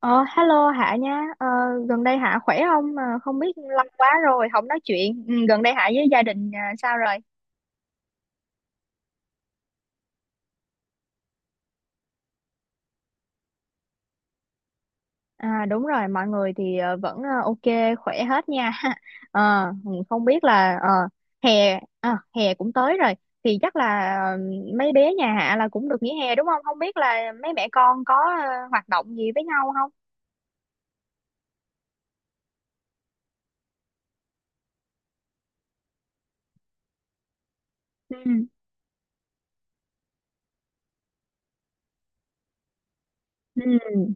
Ờ, Hello Hạ nha. Ờ, Gần đây Hạ khỏe không? Mà không biết lâu quá rồi, không nói chuyện. Ừ, Gần đây Hạ với gia đình à, sao rồi? À, đúng rồi, mọi người thì vẫn ok, khỏe hết nha. Không biết là hè, hè cũng tới rồi. Thì chắc là mấy bé nhà Hạ là cũng được nghỉ hè đúng không? Không biết là mấy mẹ con có hoạt động gì với nhau không? Ừ, ừ,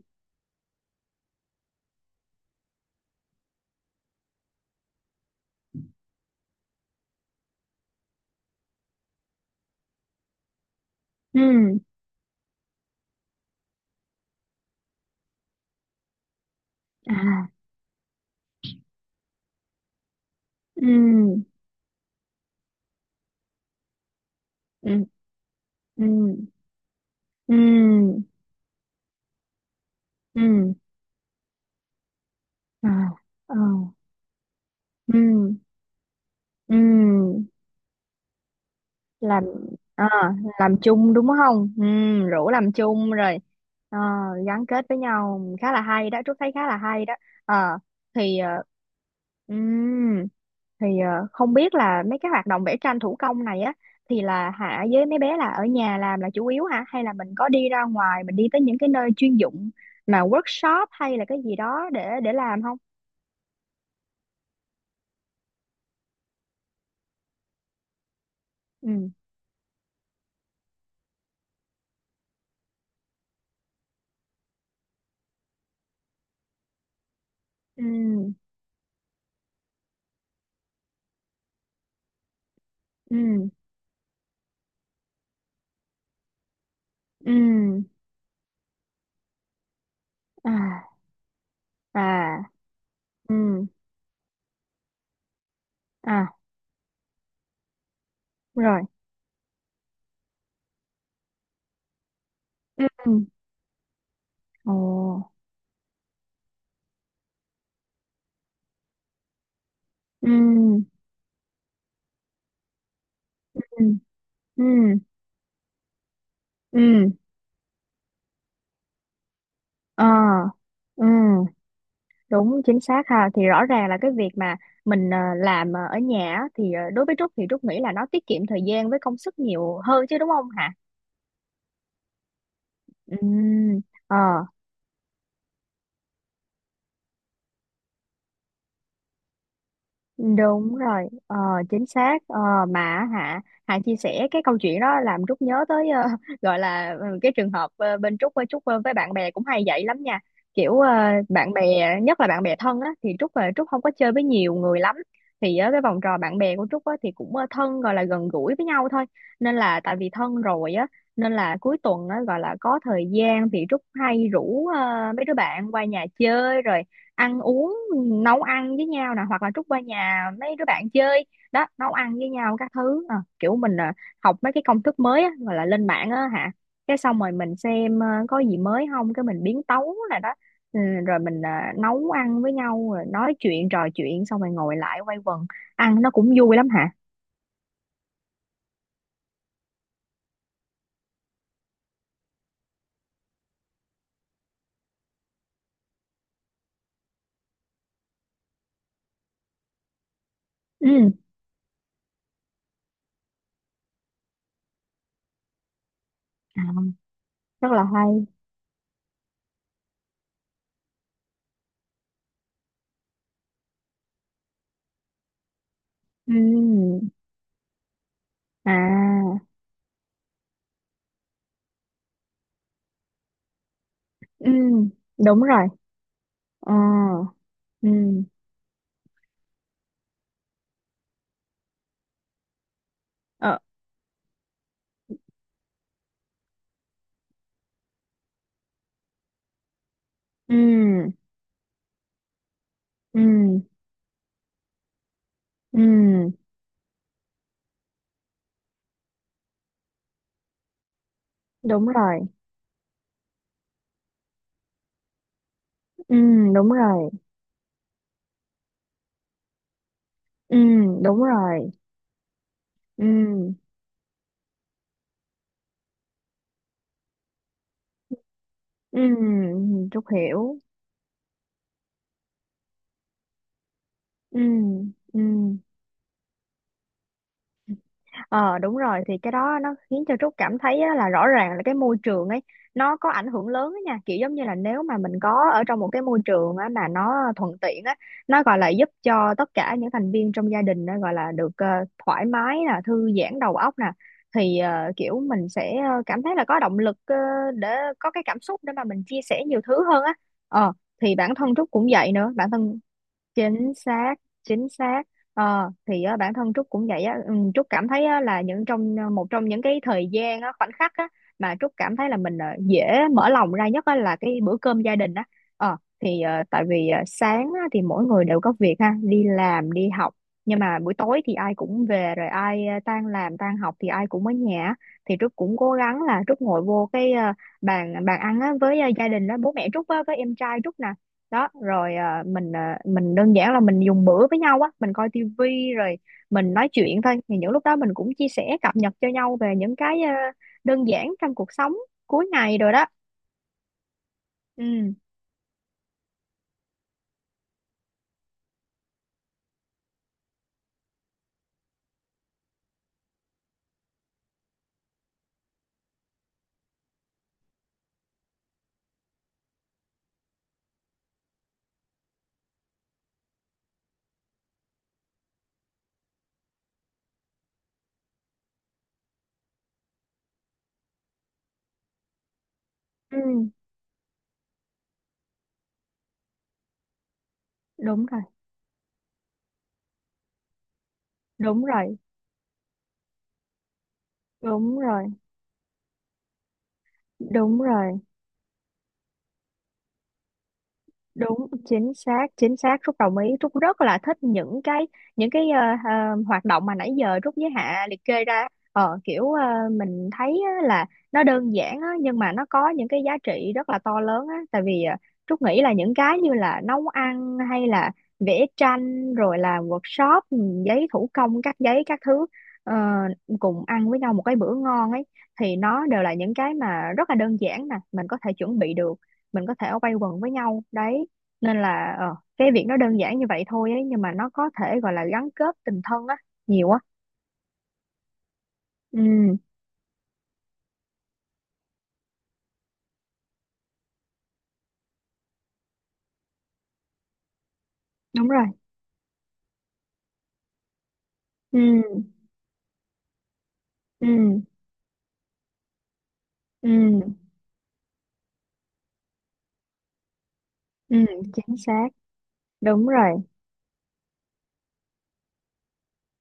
ừ, à, ừ, ừ, ừ, ừ, ừ, à. Ờ. Ừ, ừ. làm à, làm chung đúng không? Ừ, rủ làm chung rồi. ờ, Gắn kết với nhau khá là hay đó, Trúc thấy khá là hay đó. Ờ, thì ừm, không biết là mấy cái hoạt động vẽ tranh thủ công này á, thì là hả, với mấy bé là ở nhà làm là chủ yếu hả, hay là mình có đi ra ngoài mình đi tới những cái nơi chuyên dụng mà workshop hay là cái gì đó để làm không? Ừ, ừ, ừ, ừ, à, à, ừ, à, rồi, ừ, ồ, ừ, ừ, ừ, ừ, ờ, ừ. Đúng, chính xác ha. Thì rõ ràng là cái việc mà mình làm ở nhà á, thì đối với Trúc thì Trúc nghĩ là nó tiết kiệm thời gian với công sức nhiều hơn chứ đúng không hả? Ừ, ờ. Đúng rồi, chính xác. Ờ, mà Hạ Hạ chia sẻ cái câu chuyện đó làm Trúc nhớ tới gọi là cái trường hợp bên Trúc với Trúc với bạn bè cũng hay vậy lắm nha. Kiểu bạn bè, nhất là bạn bè thân á thì Trúc không có chơi với nhiều người lắm. Thì cái vòng tròn bạn bè của Trúc á, thì cũng thân, gọi là gần gũi với nhau thôi. Nên là tại vì thân rồi á, nên là cuối tuần á, gọi là có thời gian thì Trúc hay rủ mấy đứa bạn qua nhà chơi rồi ăn uống, nấu ăn với nhau nè, hoặc là trút qua nhà mấy đứa bạn chơi. Đó, nấu ăn với nhau các thứ à, kiểu mình à, học mấy cái công thức mới á, gọi là lên mạng á hả. Cái xong rồi mình xem có gì mới không, cái mình biến tấu là đó. ừ, Rồi mình à, nấu ăn với nhau rồi nói chuyện, trò chuyện, xong rồi ngồi lại quây quần ăn, nó cũng vui lắm hả. Ừ, à, rất là hay. Ừ, à, ừ, đúng rồi. Ờ, ừ, ờ, ừ, ừ, ừ. Đúng rồi, ừ, đúng rồi, ừ, đúng rồi, ừ, ừ, Trúc hiểu. Ừ, ừ. Ờ Đúng rồi, thì cái đó nó khiến cho Trúc cảm thấy á, là rõ ràng là cái môi trường ấy nó có ảnh hưởng lớn á nha, kiểu giống như là nếu mà mình có ở trong một cái môi trường á, mà nó thuận tiện á, nó gọi là giúp cho tất cả những thành viên trong gia đình á, gọi là được thoải mái nè, thư giãn đầu óc nè, thì kiểu mình sẽ cảm thấy là có động lực để có cái cảm xúc để mà mình chia sẻ nhiều thứ hơn á. ờ thì bản thân Trúc cũng vậy nữa, bản thân. Chính xác, chính xác. Thì á, bản thân Trúc cũng vậy á. Ừ, Trúc cảm thấy á, là những trong một trong những cái thời gian á, khoảnh khắc á, mà Trúc cảm thấy là mình dễ mở lòng ra nhất á, là cái bữa cơm gia đình á. Tại vì sáng á, thì mỗi người đều có việc ha, đi làm đi học. Nhưng mà buổi tối thì ai cũng về rồi, ai tan làm tan học thì ai cũng ở nhà á. Thì Trúc cũng cố gắng là Trúc ngồi vô cái bàn bàn ăn á, với gia đình, đó bố mẹ Trúc á, với em trai Trúc nè. Đó rồi à, mình đơn giản là mình dùng bữa với nhau á, mình coi tivi rồi mình nói chuyện thôi. Thì những lúc đó mình cũng chia sẻ, cập nhật cho nhau về những cái à, đơn giản trong cuộc sống cuối ngày rồi đó. Ừ, ừ, đúng rồi, đúng rồi, đúng rồi, đúng rồi. Đúng, chính xác, chính xác, Trúc đồng ý. Trúc rất là thích những cái những cái ờ, hoạt động mà nãy giờ Trúc với Hạ liệt kê ra. Ờ Kiểu mình thấy á là nó đơn giản á, nhưng mà nó có những cái giá trị rất là to lớn á, tại vì Trúc nghĩ là những cái như là nấu ăn hay là vẽ tranh rồi làm workshop, giấy thủ công, cắt giấy các thứ, ờ, cùng ăn với nhau một cái bữa ngon ấy thì nó đều là những cái mà rất là đơn giản nè, mình có thể chuẩn bị được, mình có thể quay quần với nhau đấy. Nên là cái việc nó đơn giản như vậy thôi ấy, nhưng mà nó có thể gọi là gắn kết tình thân á nhiều á. Ừ, đúng rồi, ừ, ừ, ừ, ừ, chính xác, đúng rồi,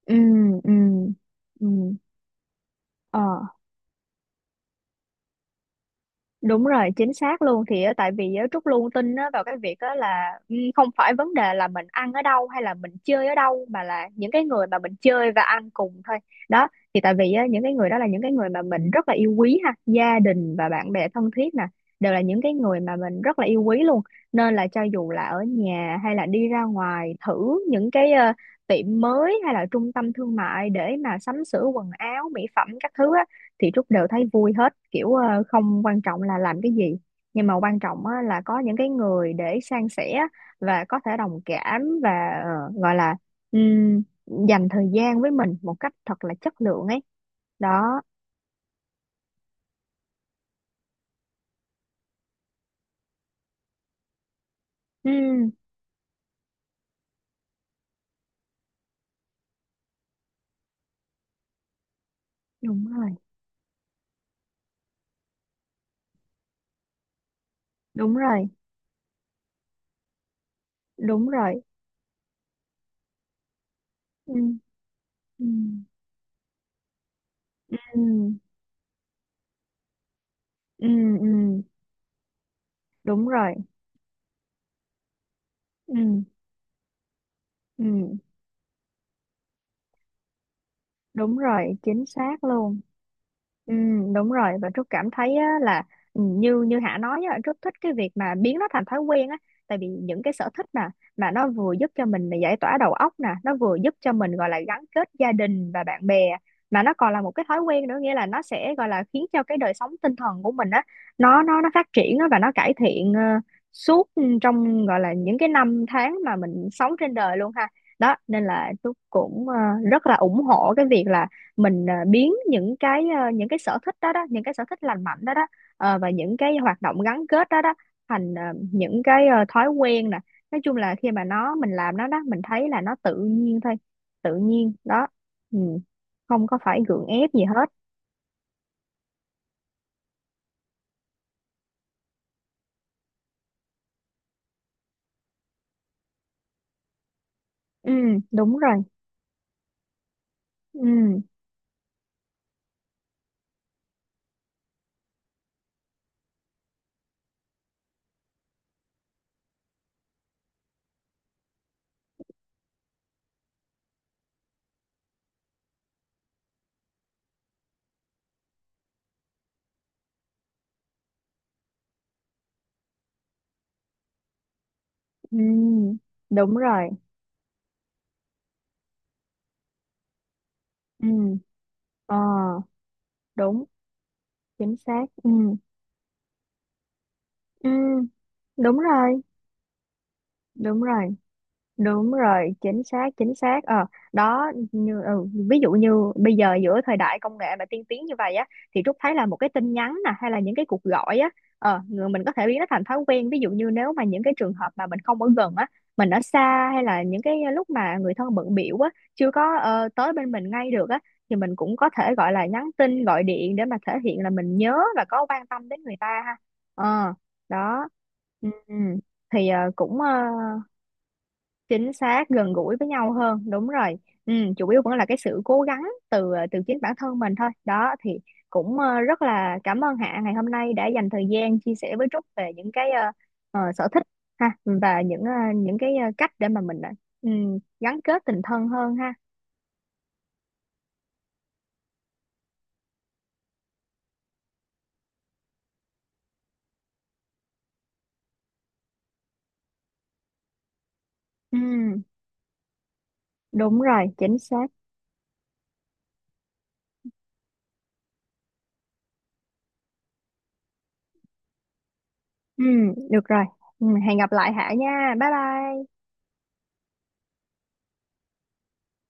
ừ, ừ, ừ, ờ. Đúng rồi, chính xác luôn. Thì á, tại vì á, Trúc luôn tin á, vào cái việc á, là không phải vấn đề là mình ăn ở đâu hay là mình chơi ở đâu, mà là những cái người mà mình chơi và ăn cùng thôi. Đó, thì tại vì á, những cái người đó là những cái người mà mình rất là yêu quý ha, gia đình và bạn bè thân thiết nè, đều là những cái người mà mình rất là yêu quý luôn. Nên là cho dù là ở nhà hay là đi ra ngoài thử những cái tiệm mới hay là trung tâm thương mại để mà sắm sửa quần áo, mỹ phẩm các thứ á, thì Trúc đều thấy vui hết, kiểu không quan trọng là làm cái gì, nhưng mà quan trọng á, là có những cái người để san sẻ và có thể đồng cảm và gọi là ừm, dành thời gian với mình một cách thật là chất lượng ấy đó. Ừ, đúng rồi, đúng rồi, đúng rồi, ừ, ừ, ừ, ừ, ừ, đúng rồi, ừ, ừ, đúng rồi, chính xác luôn. Ừ, đúng rồi. Và Trúc cảm thấy á, là như như Hạ nói á, Trúc thích cái việc mà biến nó thành thói quen á, tại vì những cái sở thích mà nó vừa giúp cho mình là giải tỏa đầu óc nè, nó vừa giúp cho mình gọi là gắn kết gia đình và bạn bè, mà nó còn là một cái thói quen nữa, nghĩa là nó sẽ gọi là khiến cho cái đời sống tinh thần của mình á, nó phát triển á, và nó cải thiện suốt trong gọi là những cái năm tháng mà mình sống trên đời luôn ha. Đó nên là Trúc cũng rất là ủng hộ cái việc là mình à, biến những cái sở thích đó đó, những cái sở thích lành mạnh đó đó, và những cái hoạt động gắn kết đó đó thành à, những cái à, thói quen nè. Nói chung là khi mà nó mình làm nó đó, mình thấy là nó tự nhiên thôi, tự nhiên đó. Ừ. Không có phải gượng ép gì hết. Ừ, đúng rồi, ừ, ừ, đúng rồi, ừ, ờ, đúng, chính xác, ừ, ừ, đúng rồi, đúng rồi. Đúng rồi, chính xác, chính xác. Ờ, Đó, ví dụ như bây giờ giữa thời đại công nghệ mà tiên tiến như vậy á, thì Trúc thấy là một cái tin nhắn nè, hay là những cái cuộc gọi á, người mình có thể biến nó thành thói quen. Ví dụ như nếu mà những cái trường hợp mà mình không ở gần á, mình ở xa hay là những cái lúc mà người thân bận biểu á, chưa có tới bên mình ngay được á, thì mình cũng có thể gọi là nhắn tin, gọi điện để mà thể hiện là mình nhớ và có quan tâm đến người ta ha. Ờ, đó. Ừ, ừ. Thì cũng chính xác, gần gũi với nhau hơn, đúng rồi. Chủ yếu vẫn là cái sự cố gắng từ chính bản thân mình thôi đó, thì cũng rất là cảm ơn Hạ ngày hôm nay đã dành thời gian chia sẻ với Trúc về những cái sở thích ha, và những cái cách để mà mình ừ, gắn kết tình thân hơn ha. Ừ, đúng rồi, chính xác. Ừ, được rồi. Ừ, hẹn gặp lại Hạ nha, bye bye.